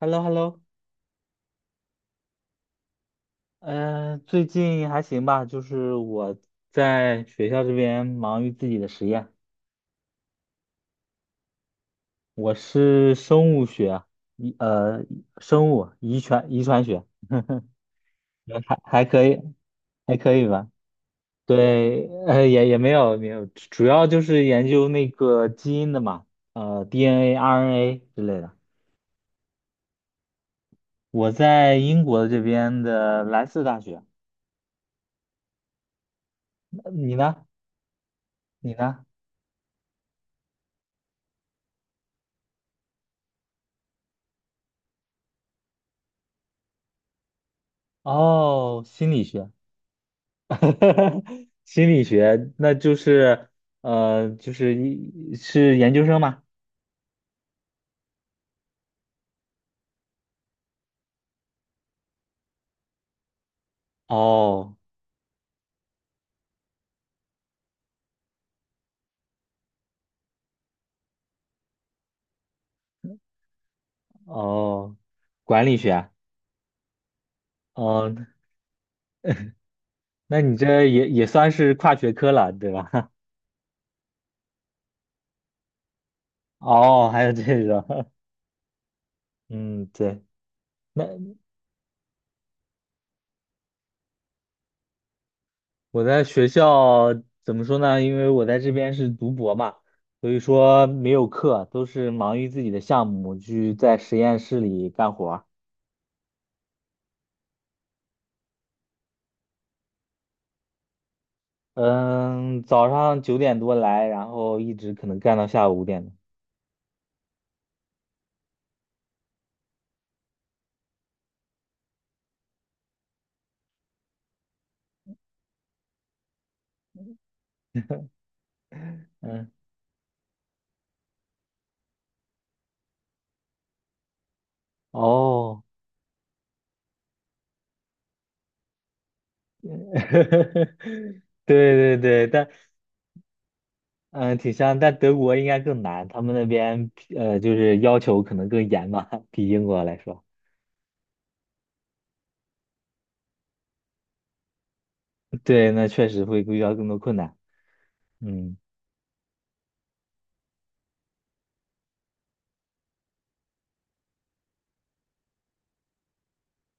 h e l l o h e l l o 最近还行吧，就是我在学校这边忙于自己的实验。我是生物学啊，遗呃生物遗传学。还可以，还可以吧。对，也没有没有，主要就是研究那个基因的嘛，DNA、RNA 之类的。我在英国这边的莱斯大学。你呢？你呢？哦，心理学。心理学，那就是就是是研究生吗？哦哦，管理学。哦，那你这也算是跨学科了，对吧？哦，还有这个。嗯，对，那我在学校怎么说呢？因为我在这边是读博嘛，所以说没有课，都是忙于自己的项目，去在实验室里干活。嗯，早上9点多来，然后一直可能干到下午5点的。嗯，哦。对对对，但挺像，但德国应该更难，他们那边就是要求可能更严吧，比英国来说。对，那确实会遇到更多困难。嗯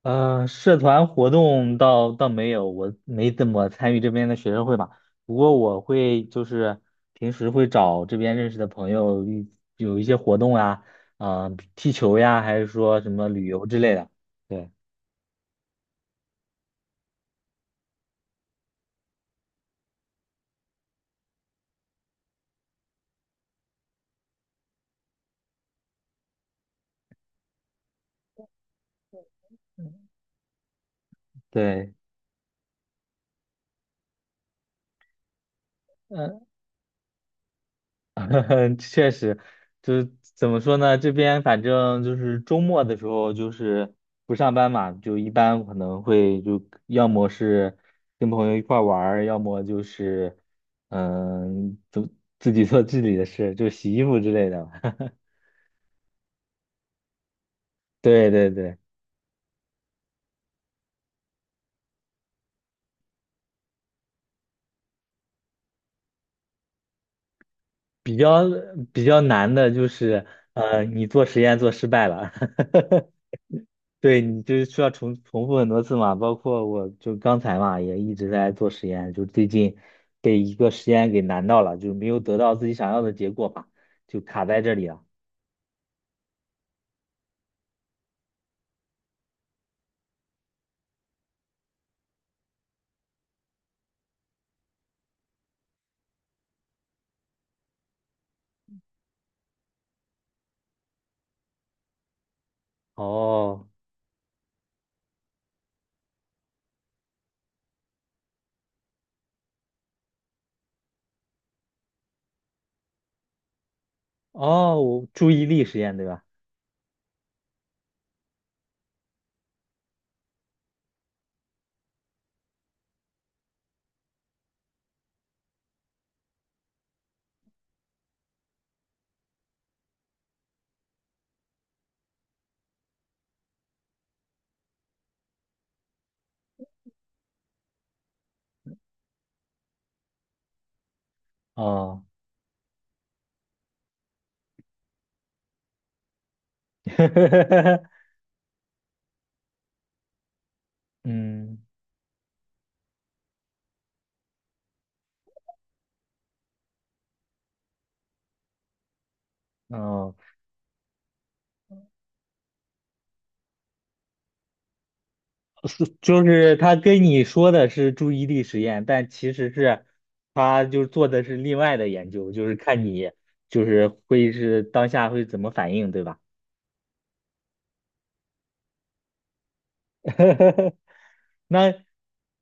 社团活动倒没有，我没怎么参与这边的学生会吧。不过我会就是平时会找这边认识的朋友一，有一些活动啊，啊、踢球呀，还是说什么旅游之类的。对对，嗯。确实，就是怎么说呢？这边反正就是周末的时候，就是不上班嘛，就一般可能会就要么是跟朋友一块儿玩儿，要么就是嗯，就自己做自己的事，就洗衣服之类的。对对对，比较比较难的就是，你做实验做失败了。对你就是需要重复很多次嘛，包括我就刚才嘛，也一直在做实验，就最近被一个实验给难到了，就没有得到自己想要的结果嘛，就卡在这里了。哦哦，我注意力实验对吧？哦。嗯哦，是就是他跟你说的是注意力实验，但其实是他就做的是另外的研究，就是看你就是会是当下会怎么反应，对吧？那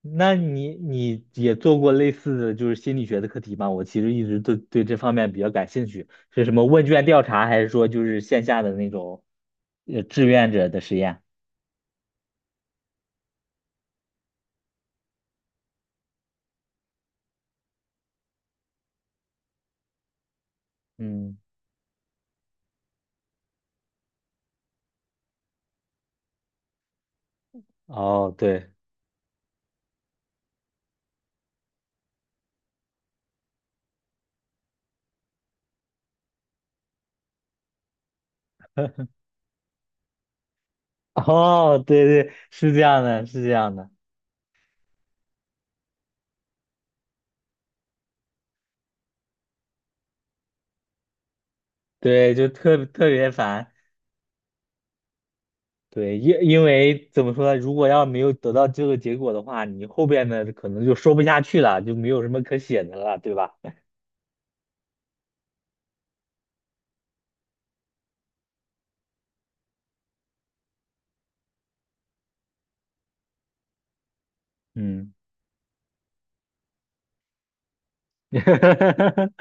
那你也做过类似的就是心理学的课题吗？我其实一直对这方面比较感兴趣，是什么问卷调查，还是说就是线下的那种志愿者的实验？嗯，哦，对。 哦，对对，是这样的，是这样的。对，就特别烦。对，因为怎么说呢，如果要没有得到这个结果的话，你后边的可能就说不下去了，就没有什么可写的了，对吧？嗯。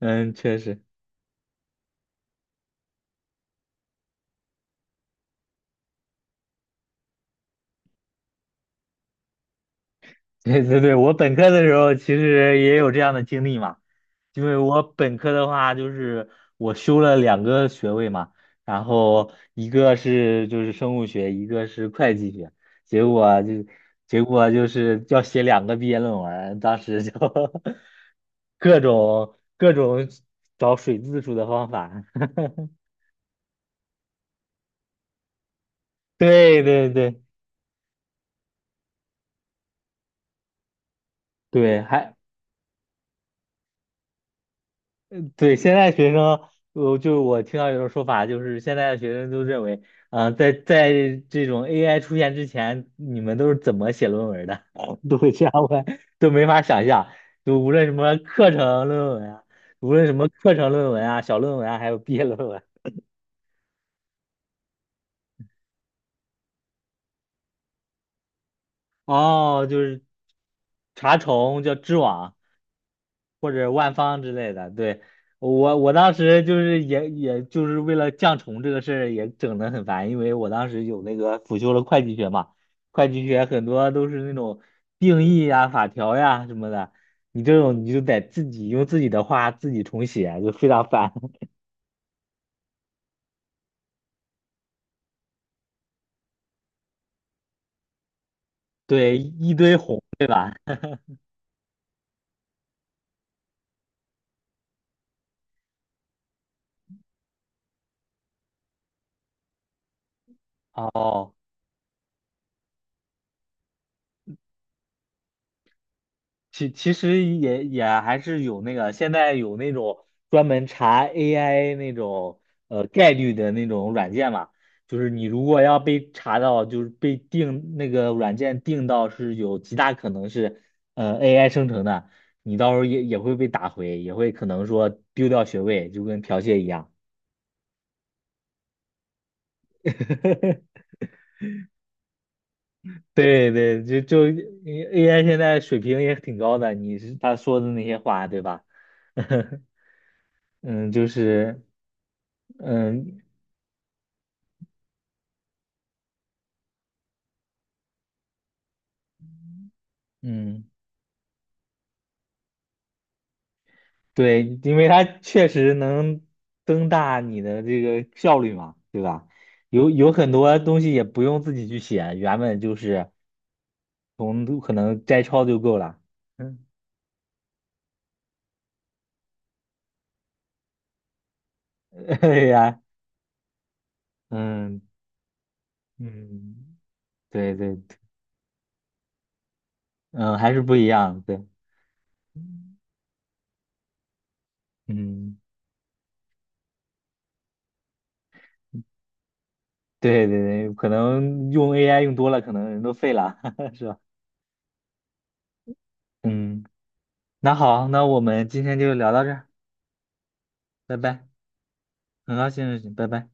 嗯，确实，对对对，我本科的时候其实也有这样的经历嘛，因为我本科的话就是我修了两个学位嘛，然后一个是就是生物学，一个是会计学。结果就结果就是要写两个毕业论文，当时就 各种找水字数的方法。对对对对，还。对，现在学生，我就是我听到有种说法，就是现在的学生都认为，啊、在这种 AI 出现之前，你们都是怎么写论文的？都会这样问，都没法想象。就无论什么课程论文啊，无论什么课程论文啊、小论文啊，还有毕业论文。哦，就是查重叫知网，或者万方之类的。对，我当时就是也就是为了降重这个事儿也整得很烦，因为我当时有那个辅修了会计学嘛。会计学很多都是那种定义呀、法条呀什么的，你这种你就得自己用自己的话自己重写，就非常烦。对，一堆红。哦其实也还是有那个，现在有那种专门查 AI 那种概率的那种软件嘛，就是你如果要被查到，就是被定那个软件定到是有极大可能是AI 生成的，你到时候也会被打回，也会可能说丢掉学位，就跟剽窃一样。对对，就 AI 现在水平也挺高的，你是他说的那些话，对吧？嗯，就是。嗯嗯，对，因为它确实能增大你的这个效率嘛，对吧？有很多东西也不用自己去写，原本就是从可能摘抄就够了。嗯。对呀，嗯嗯，对对，嗯，还是不一样，对，嗯，对对对，可能用 AI 用多了，可能人都废了，是吧？嗯，那好，那我们今天就聊到这儿。拜拜，很高兴认识你，拜拜。